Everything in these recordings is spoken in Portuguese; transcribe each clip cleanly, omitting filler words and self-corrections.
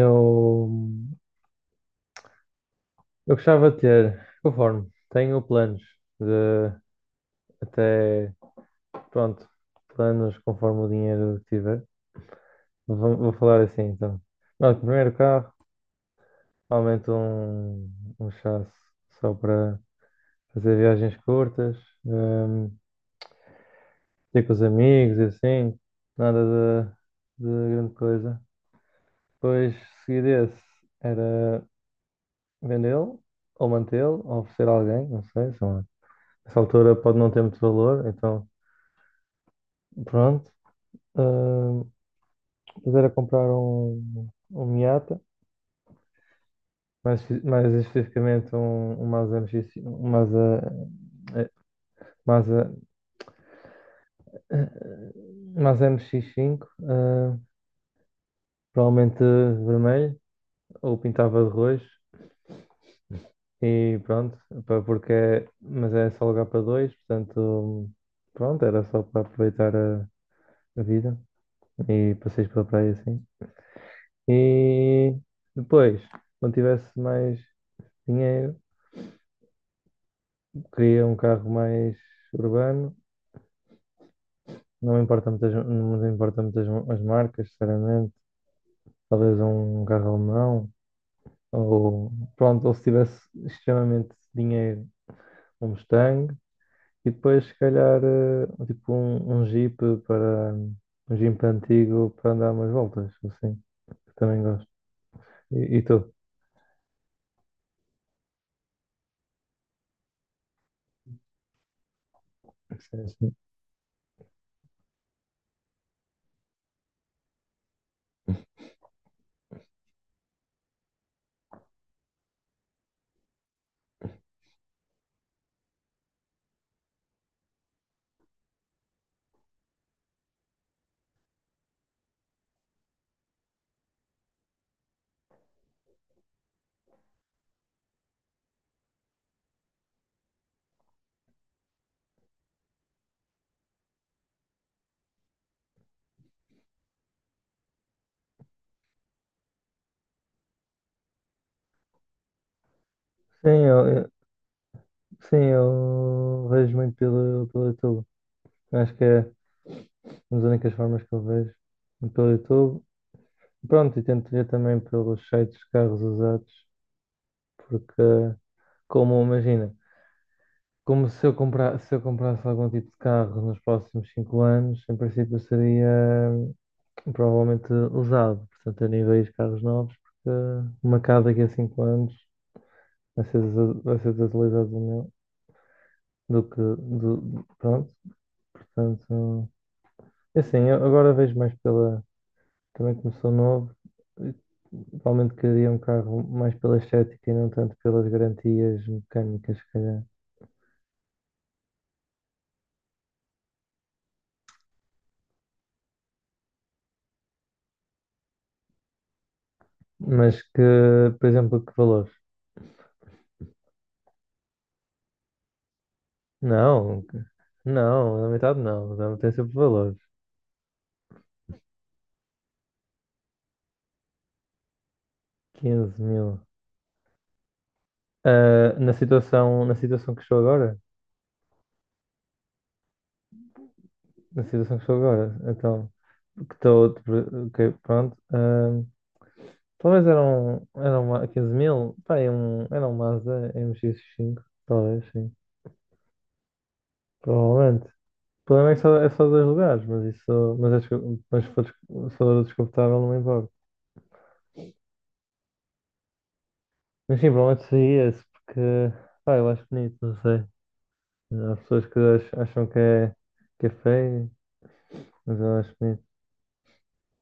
Eu, eu gostava de ter, conforme tenho planos de até, pronto, planos conforme o dinheiro que tiver. Vou falar assim então. Não, primeiro carro, aumento um chasse só para fazer viagens curtas, hum, ir com os amigos e assim, nada de grande coisa. Depois, seguir esse, era vendê-lo, ou mantê-lo, ou oferecer a alguém, não sei. Essa altura pode não ter muito valor, então pronto. Ah, mas era comprar um Miata, mais especificamente um Mazda MXeh, Mazda, eh, Mazda MX-5 provavelmente vermelho, ou pintava de roxo, e pronto, pá, mas é só lugar para dois, portanto, pronto, era só para aproveitar a vida e passeios pela praia assim. E depois, quando tivesse mais dinheiro, queria um carro mais urbano. Não me importa muitas as marcas, sinceramente. Talvez um carro alemão. Ou, pronto, ou se tivesse extremamente dinheiro, um Mustang. E depois, se calhar, tipo para... Um Jeep antigo para andar umas voltas, assim, que também gosto. E tu? Sim, sim. Sim, eu, Sim, eu vejo muito pelo YouTube. Acho que é uma das únicas formas que eu vejo pelo YouTube. Pronto, e tento ver também pelos sites de carros usados, porque, como imagina, como se eu comprar, se eu comprasse algum tipo de carro nos próximos 5 anos, em princípio seria hum, provavelmente usado, portanto eu nem vejo carros novos, porque uma casa daqui a 5 anos vai ser desutilizado do meu, do que, do, pronto, portanto. É assim, eu agora vejo mais pela. Também começou novo, eh, provavelmente queria um carro mais pela estética e não tanto pelas garantias mecânicas, se calhar. Mas que, por exemplo, que valores? Não, que- não, na metade não, dá tem sempre valores. 15 mil. Ah, na situação que estou agora? Na situação que estou agora, então, que estou, ok, pronto. Talvez eram 15 mil, pá, era um Mazda MX-5, talvez, sim. Provavelmente. O problema é que só, é só dois lugares, mas isso. Mas, acho descu- mas se for, descu- se for desconfortável, não me importa. Mas sim, provavelmente seria esse, porque. Pá, eu acho bonito, não sei. Há pessoas que acham que é feio, mas eu acho bonito.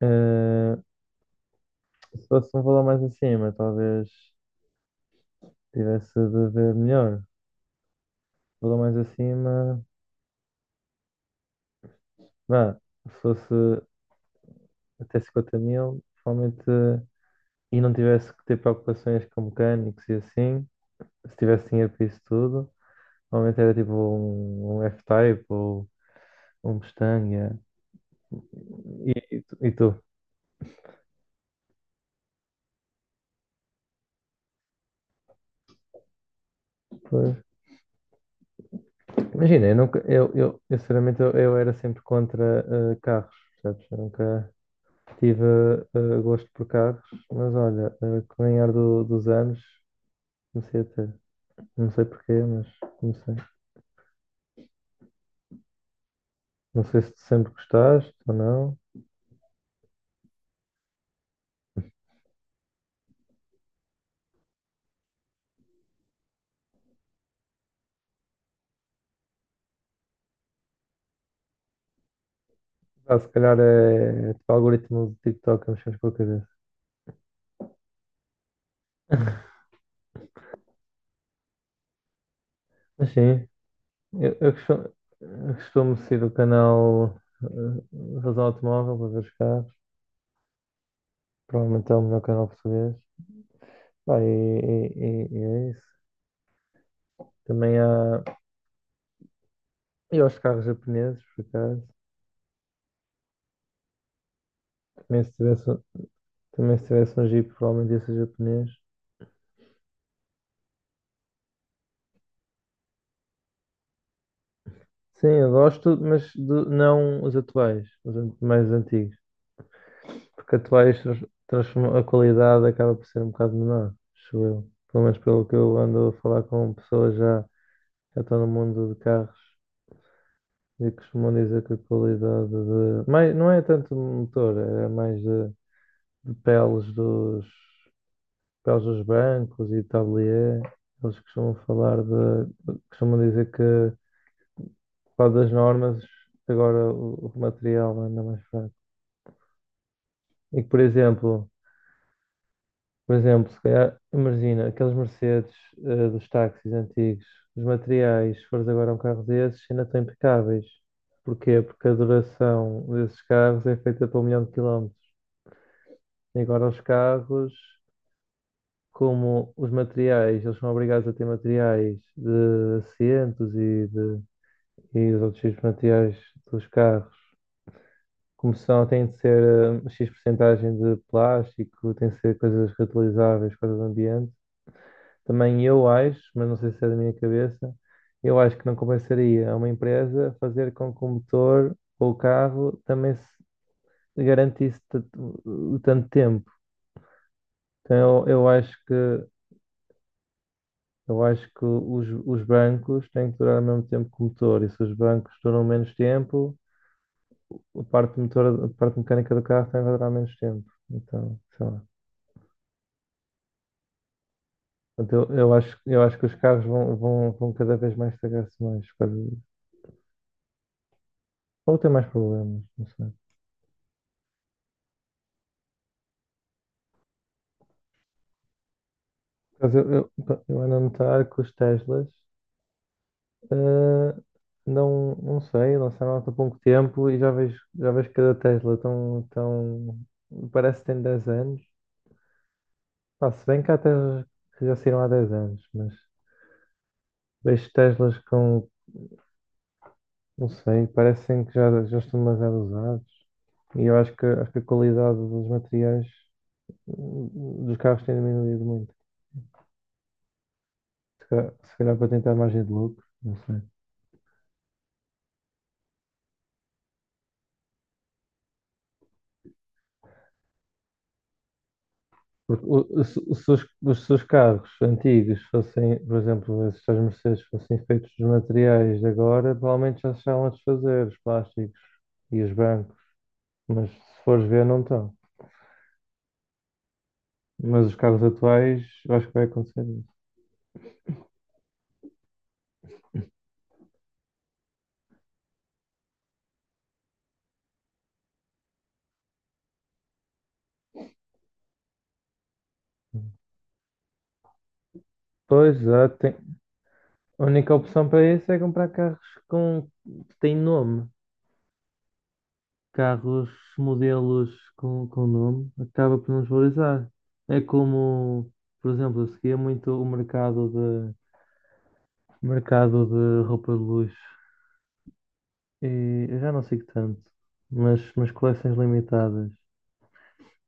Eh, Se fosse um valor mais acima, talvez tivesse de ver melhor. Valor mais acima, vá, se fosse até 50 mil, provavelmente. E não tivesse que ter preocupações com mecânicos e assim, se tivesse dinheiro para isso tudo. Normalmente era tipo um F-Type ou um Mustang. Yeah. E tu? Pois. Imagina, eu nunca, eu sinceramente eu era sempre contra carros, percebes? Eu nunca tive gosto por carros, mas olha, com o dos anos comecei a ter. Não sei porquê, mas comecei. Não sei se tu sempre gostaste ou não. Ah, se calhar é tipo algoritmo do TikTok a mexer por cabeça. Mas sim, Eu, eu costumo, eu costumo seguir o canal Razão Automóvel para ver os carros. Provavelmente é o melhor canal português. Pá, e é isso. Também há, eu aos carros japoneses, por acaso. Também se tivesse um Jeep, provavelmente ia ser japonês. Sim, eu gosto, mas não os atuais, mais antigos. Porque atuais a qualidade acaba por ser um bocado menor, acho eu. Pelo menos pelo que eu ando a falar com pessoas já, já estão no mundo de carros. E costumam dizer que a qualidade de. Mais, não é tanto do motor, é mais de peles dos bancos e tablier. Eles costumam falar de. Costumam dizer que, por causa das normas, agora o material anda mais fraco. E que, por exemplo, se calhar, imagina, aqueles Mercedes dos táxis antigos, os materiais, se fores agora a um carro desses, ainda estão impecáveis. Porquê? Porque a duração desses carros é feita para 1 milhão de quilómetros. E agora os carros, como os materiais, eles são obrigados a ter materiais de assentos e os outros tipos de materiais dos carros, como são, têm de ser X porcentagem de plástico, tem de ser coisas reutilizáveis, coisas do ambiente. Também eu acho, mas não sei se é da minha cabeça, eu acho que não compensaria a uma empresa fazer com que o motor ou o carro também se garantisse tanto tanto tempo. Então, eu acho que os bancos têm que durar o mesmo tempo que o motor, e se os bancos duram menos tempo, a parte motora, a parte mecânica do carro também vai durar menos tempo. Então, sei lá. Portanto, eu acho que os carros vão cada vez mais estragar-se mais, por causa disso, ou ter mais problemas, não sei. Eu, eu ando a notar que os Teslas, eh, não sei, lançaram há pouco tempo e já vejo cada Tesla tão, tão, parece que tem 10 anos. Pá, se bem que há Teslas que já saíram há 10 anos, mas vejo Teslas com, não sei, parecem que já estão demasiado usados. E eu acho que a qualidade dos materiais dos carros tem diminuído muito. Se calhar, para tentar margem de lucro, não sei. Porque o- se os, seus- os seus carros antigos fossem, por exemplo, esses tais Mercedes fossem feitos dos materiais de agora, provavelmente já se estavam a desfazer os plásticos e os bancos. Mas se fores ver, não estão. Mas os carros atuais, eu acho que vai acontecer isso. Pois, já tem. A única opção para isso é comprar carros com, que têm nome. Carros, modelos com nome, acaba por nos valorizar. É como, por exemplo, eu seguia muito o mercado de, roupa de luxo. E eu já não sigo tanto, mas coleções limitadas.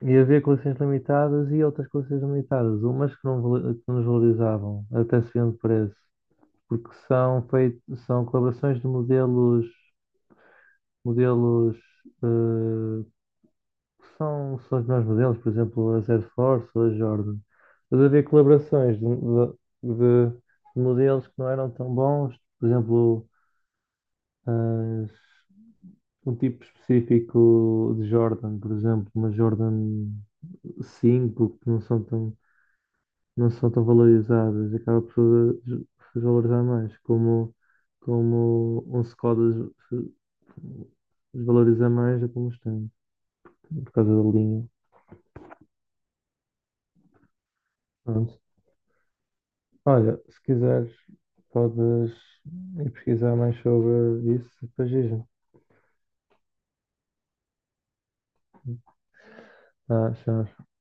E havia coleções limitadas e outras coleções limitadas. Umas que não que nos valorizavam, até se vendo preço, porque são feitos, são colaborações de modelos eh, que são os melhores modelos, por exemplo, a Air Force ou a Jordan. Mas havia colaborações de modelos que não eram tão bons, por exemplo, as- um tipo específico de Jordan, por exemplo, uma Jordan 5 que não são tão valorizadas, e acaba por desvalorizar mais, como, um Skoda desvaloriza mais do que um por causa da linha. Pronto. Olha, se quiseres, podes ir pesquisar mais sobre isso e depois diz-me. Ah, já.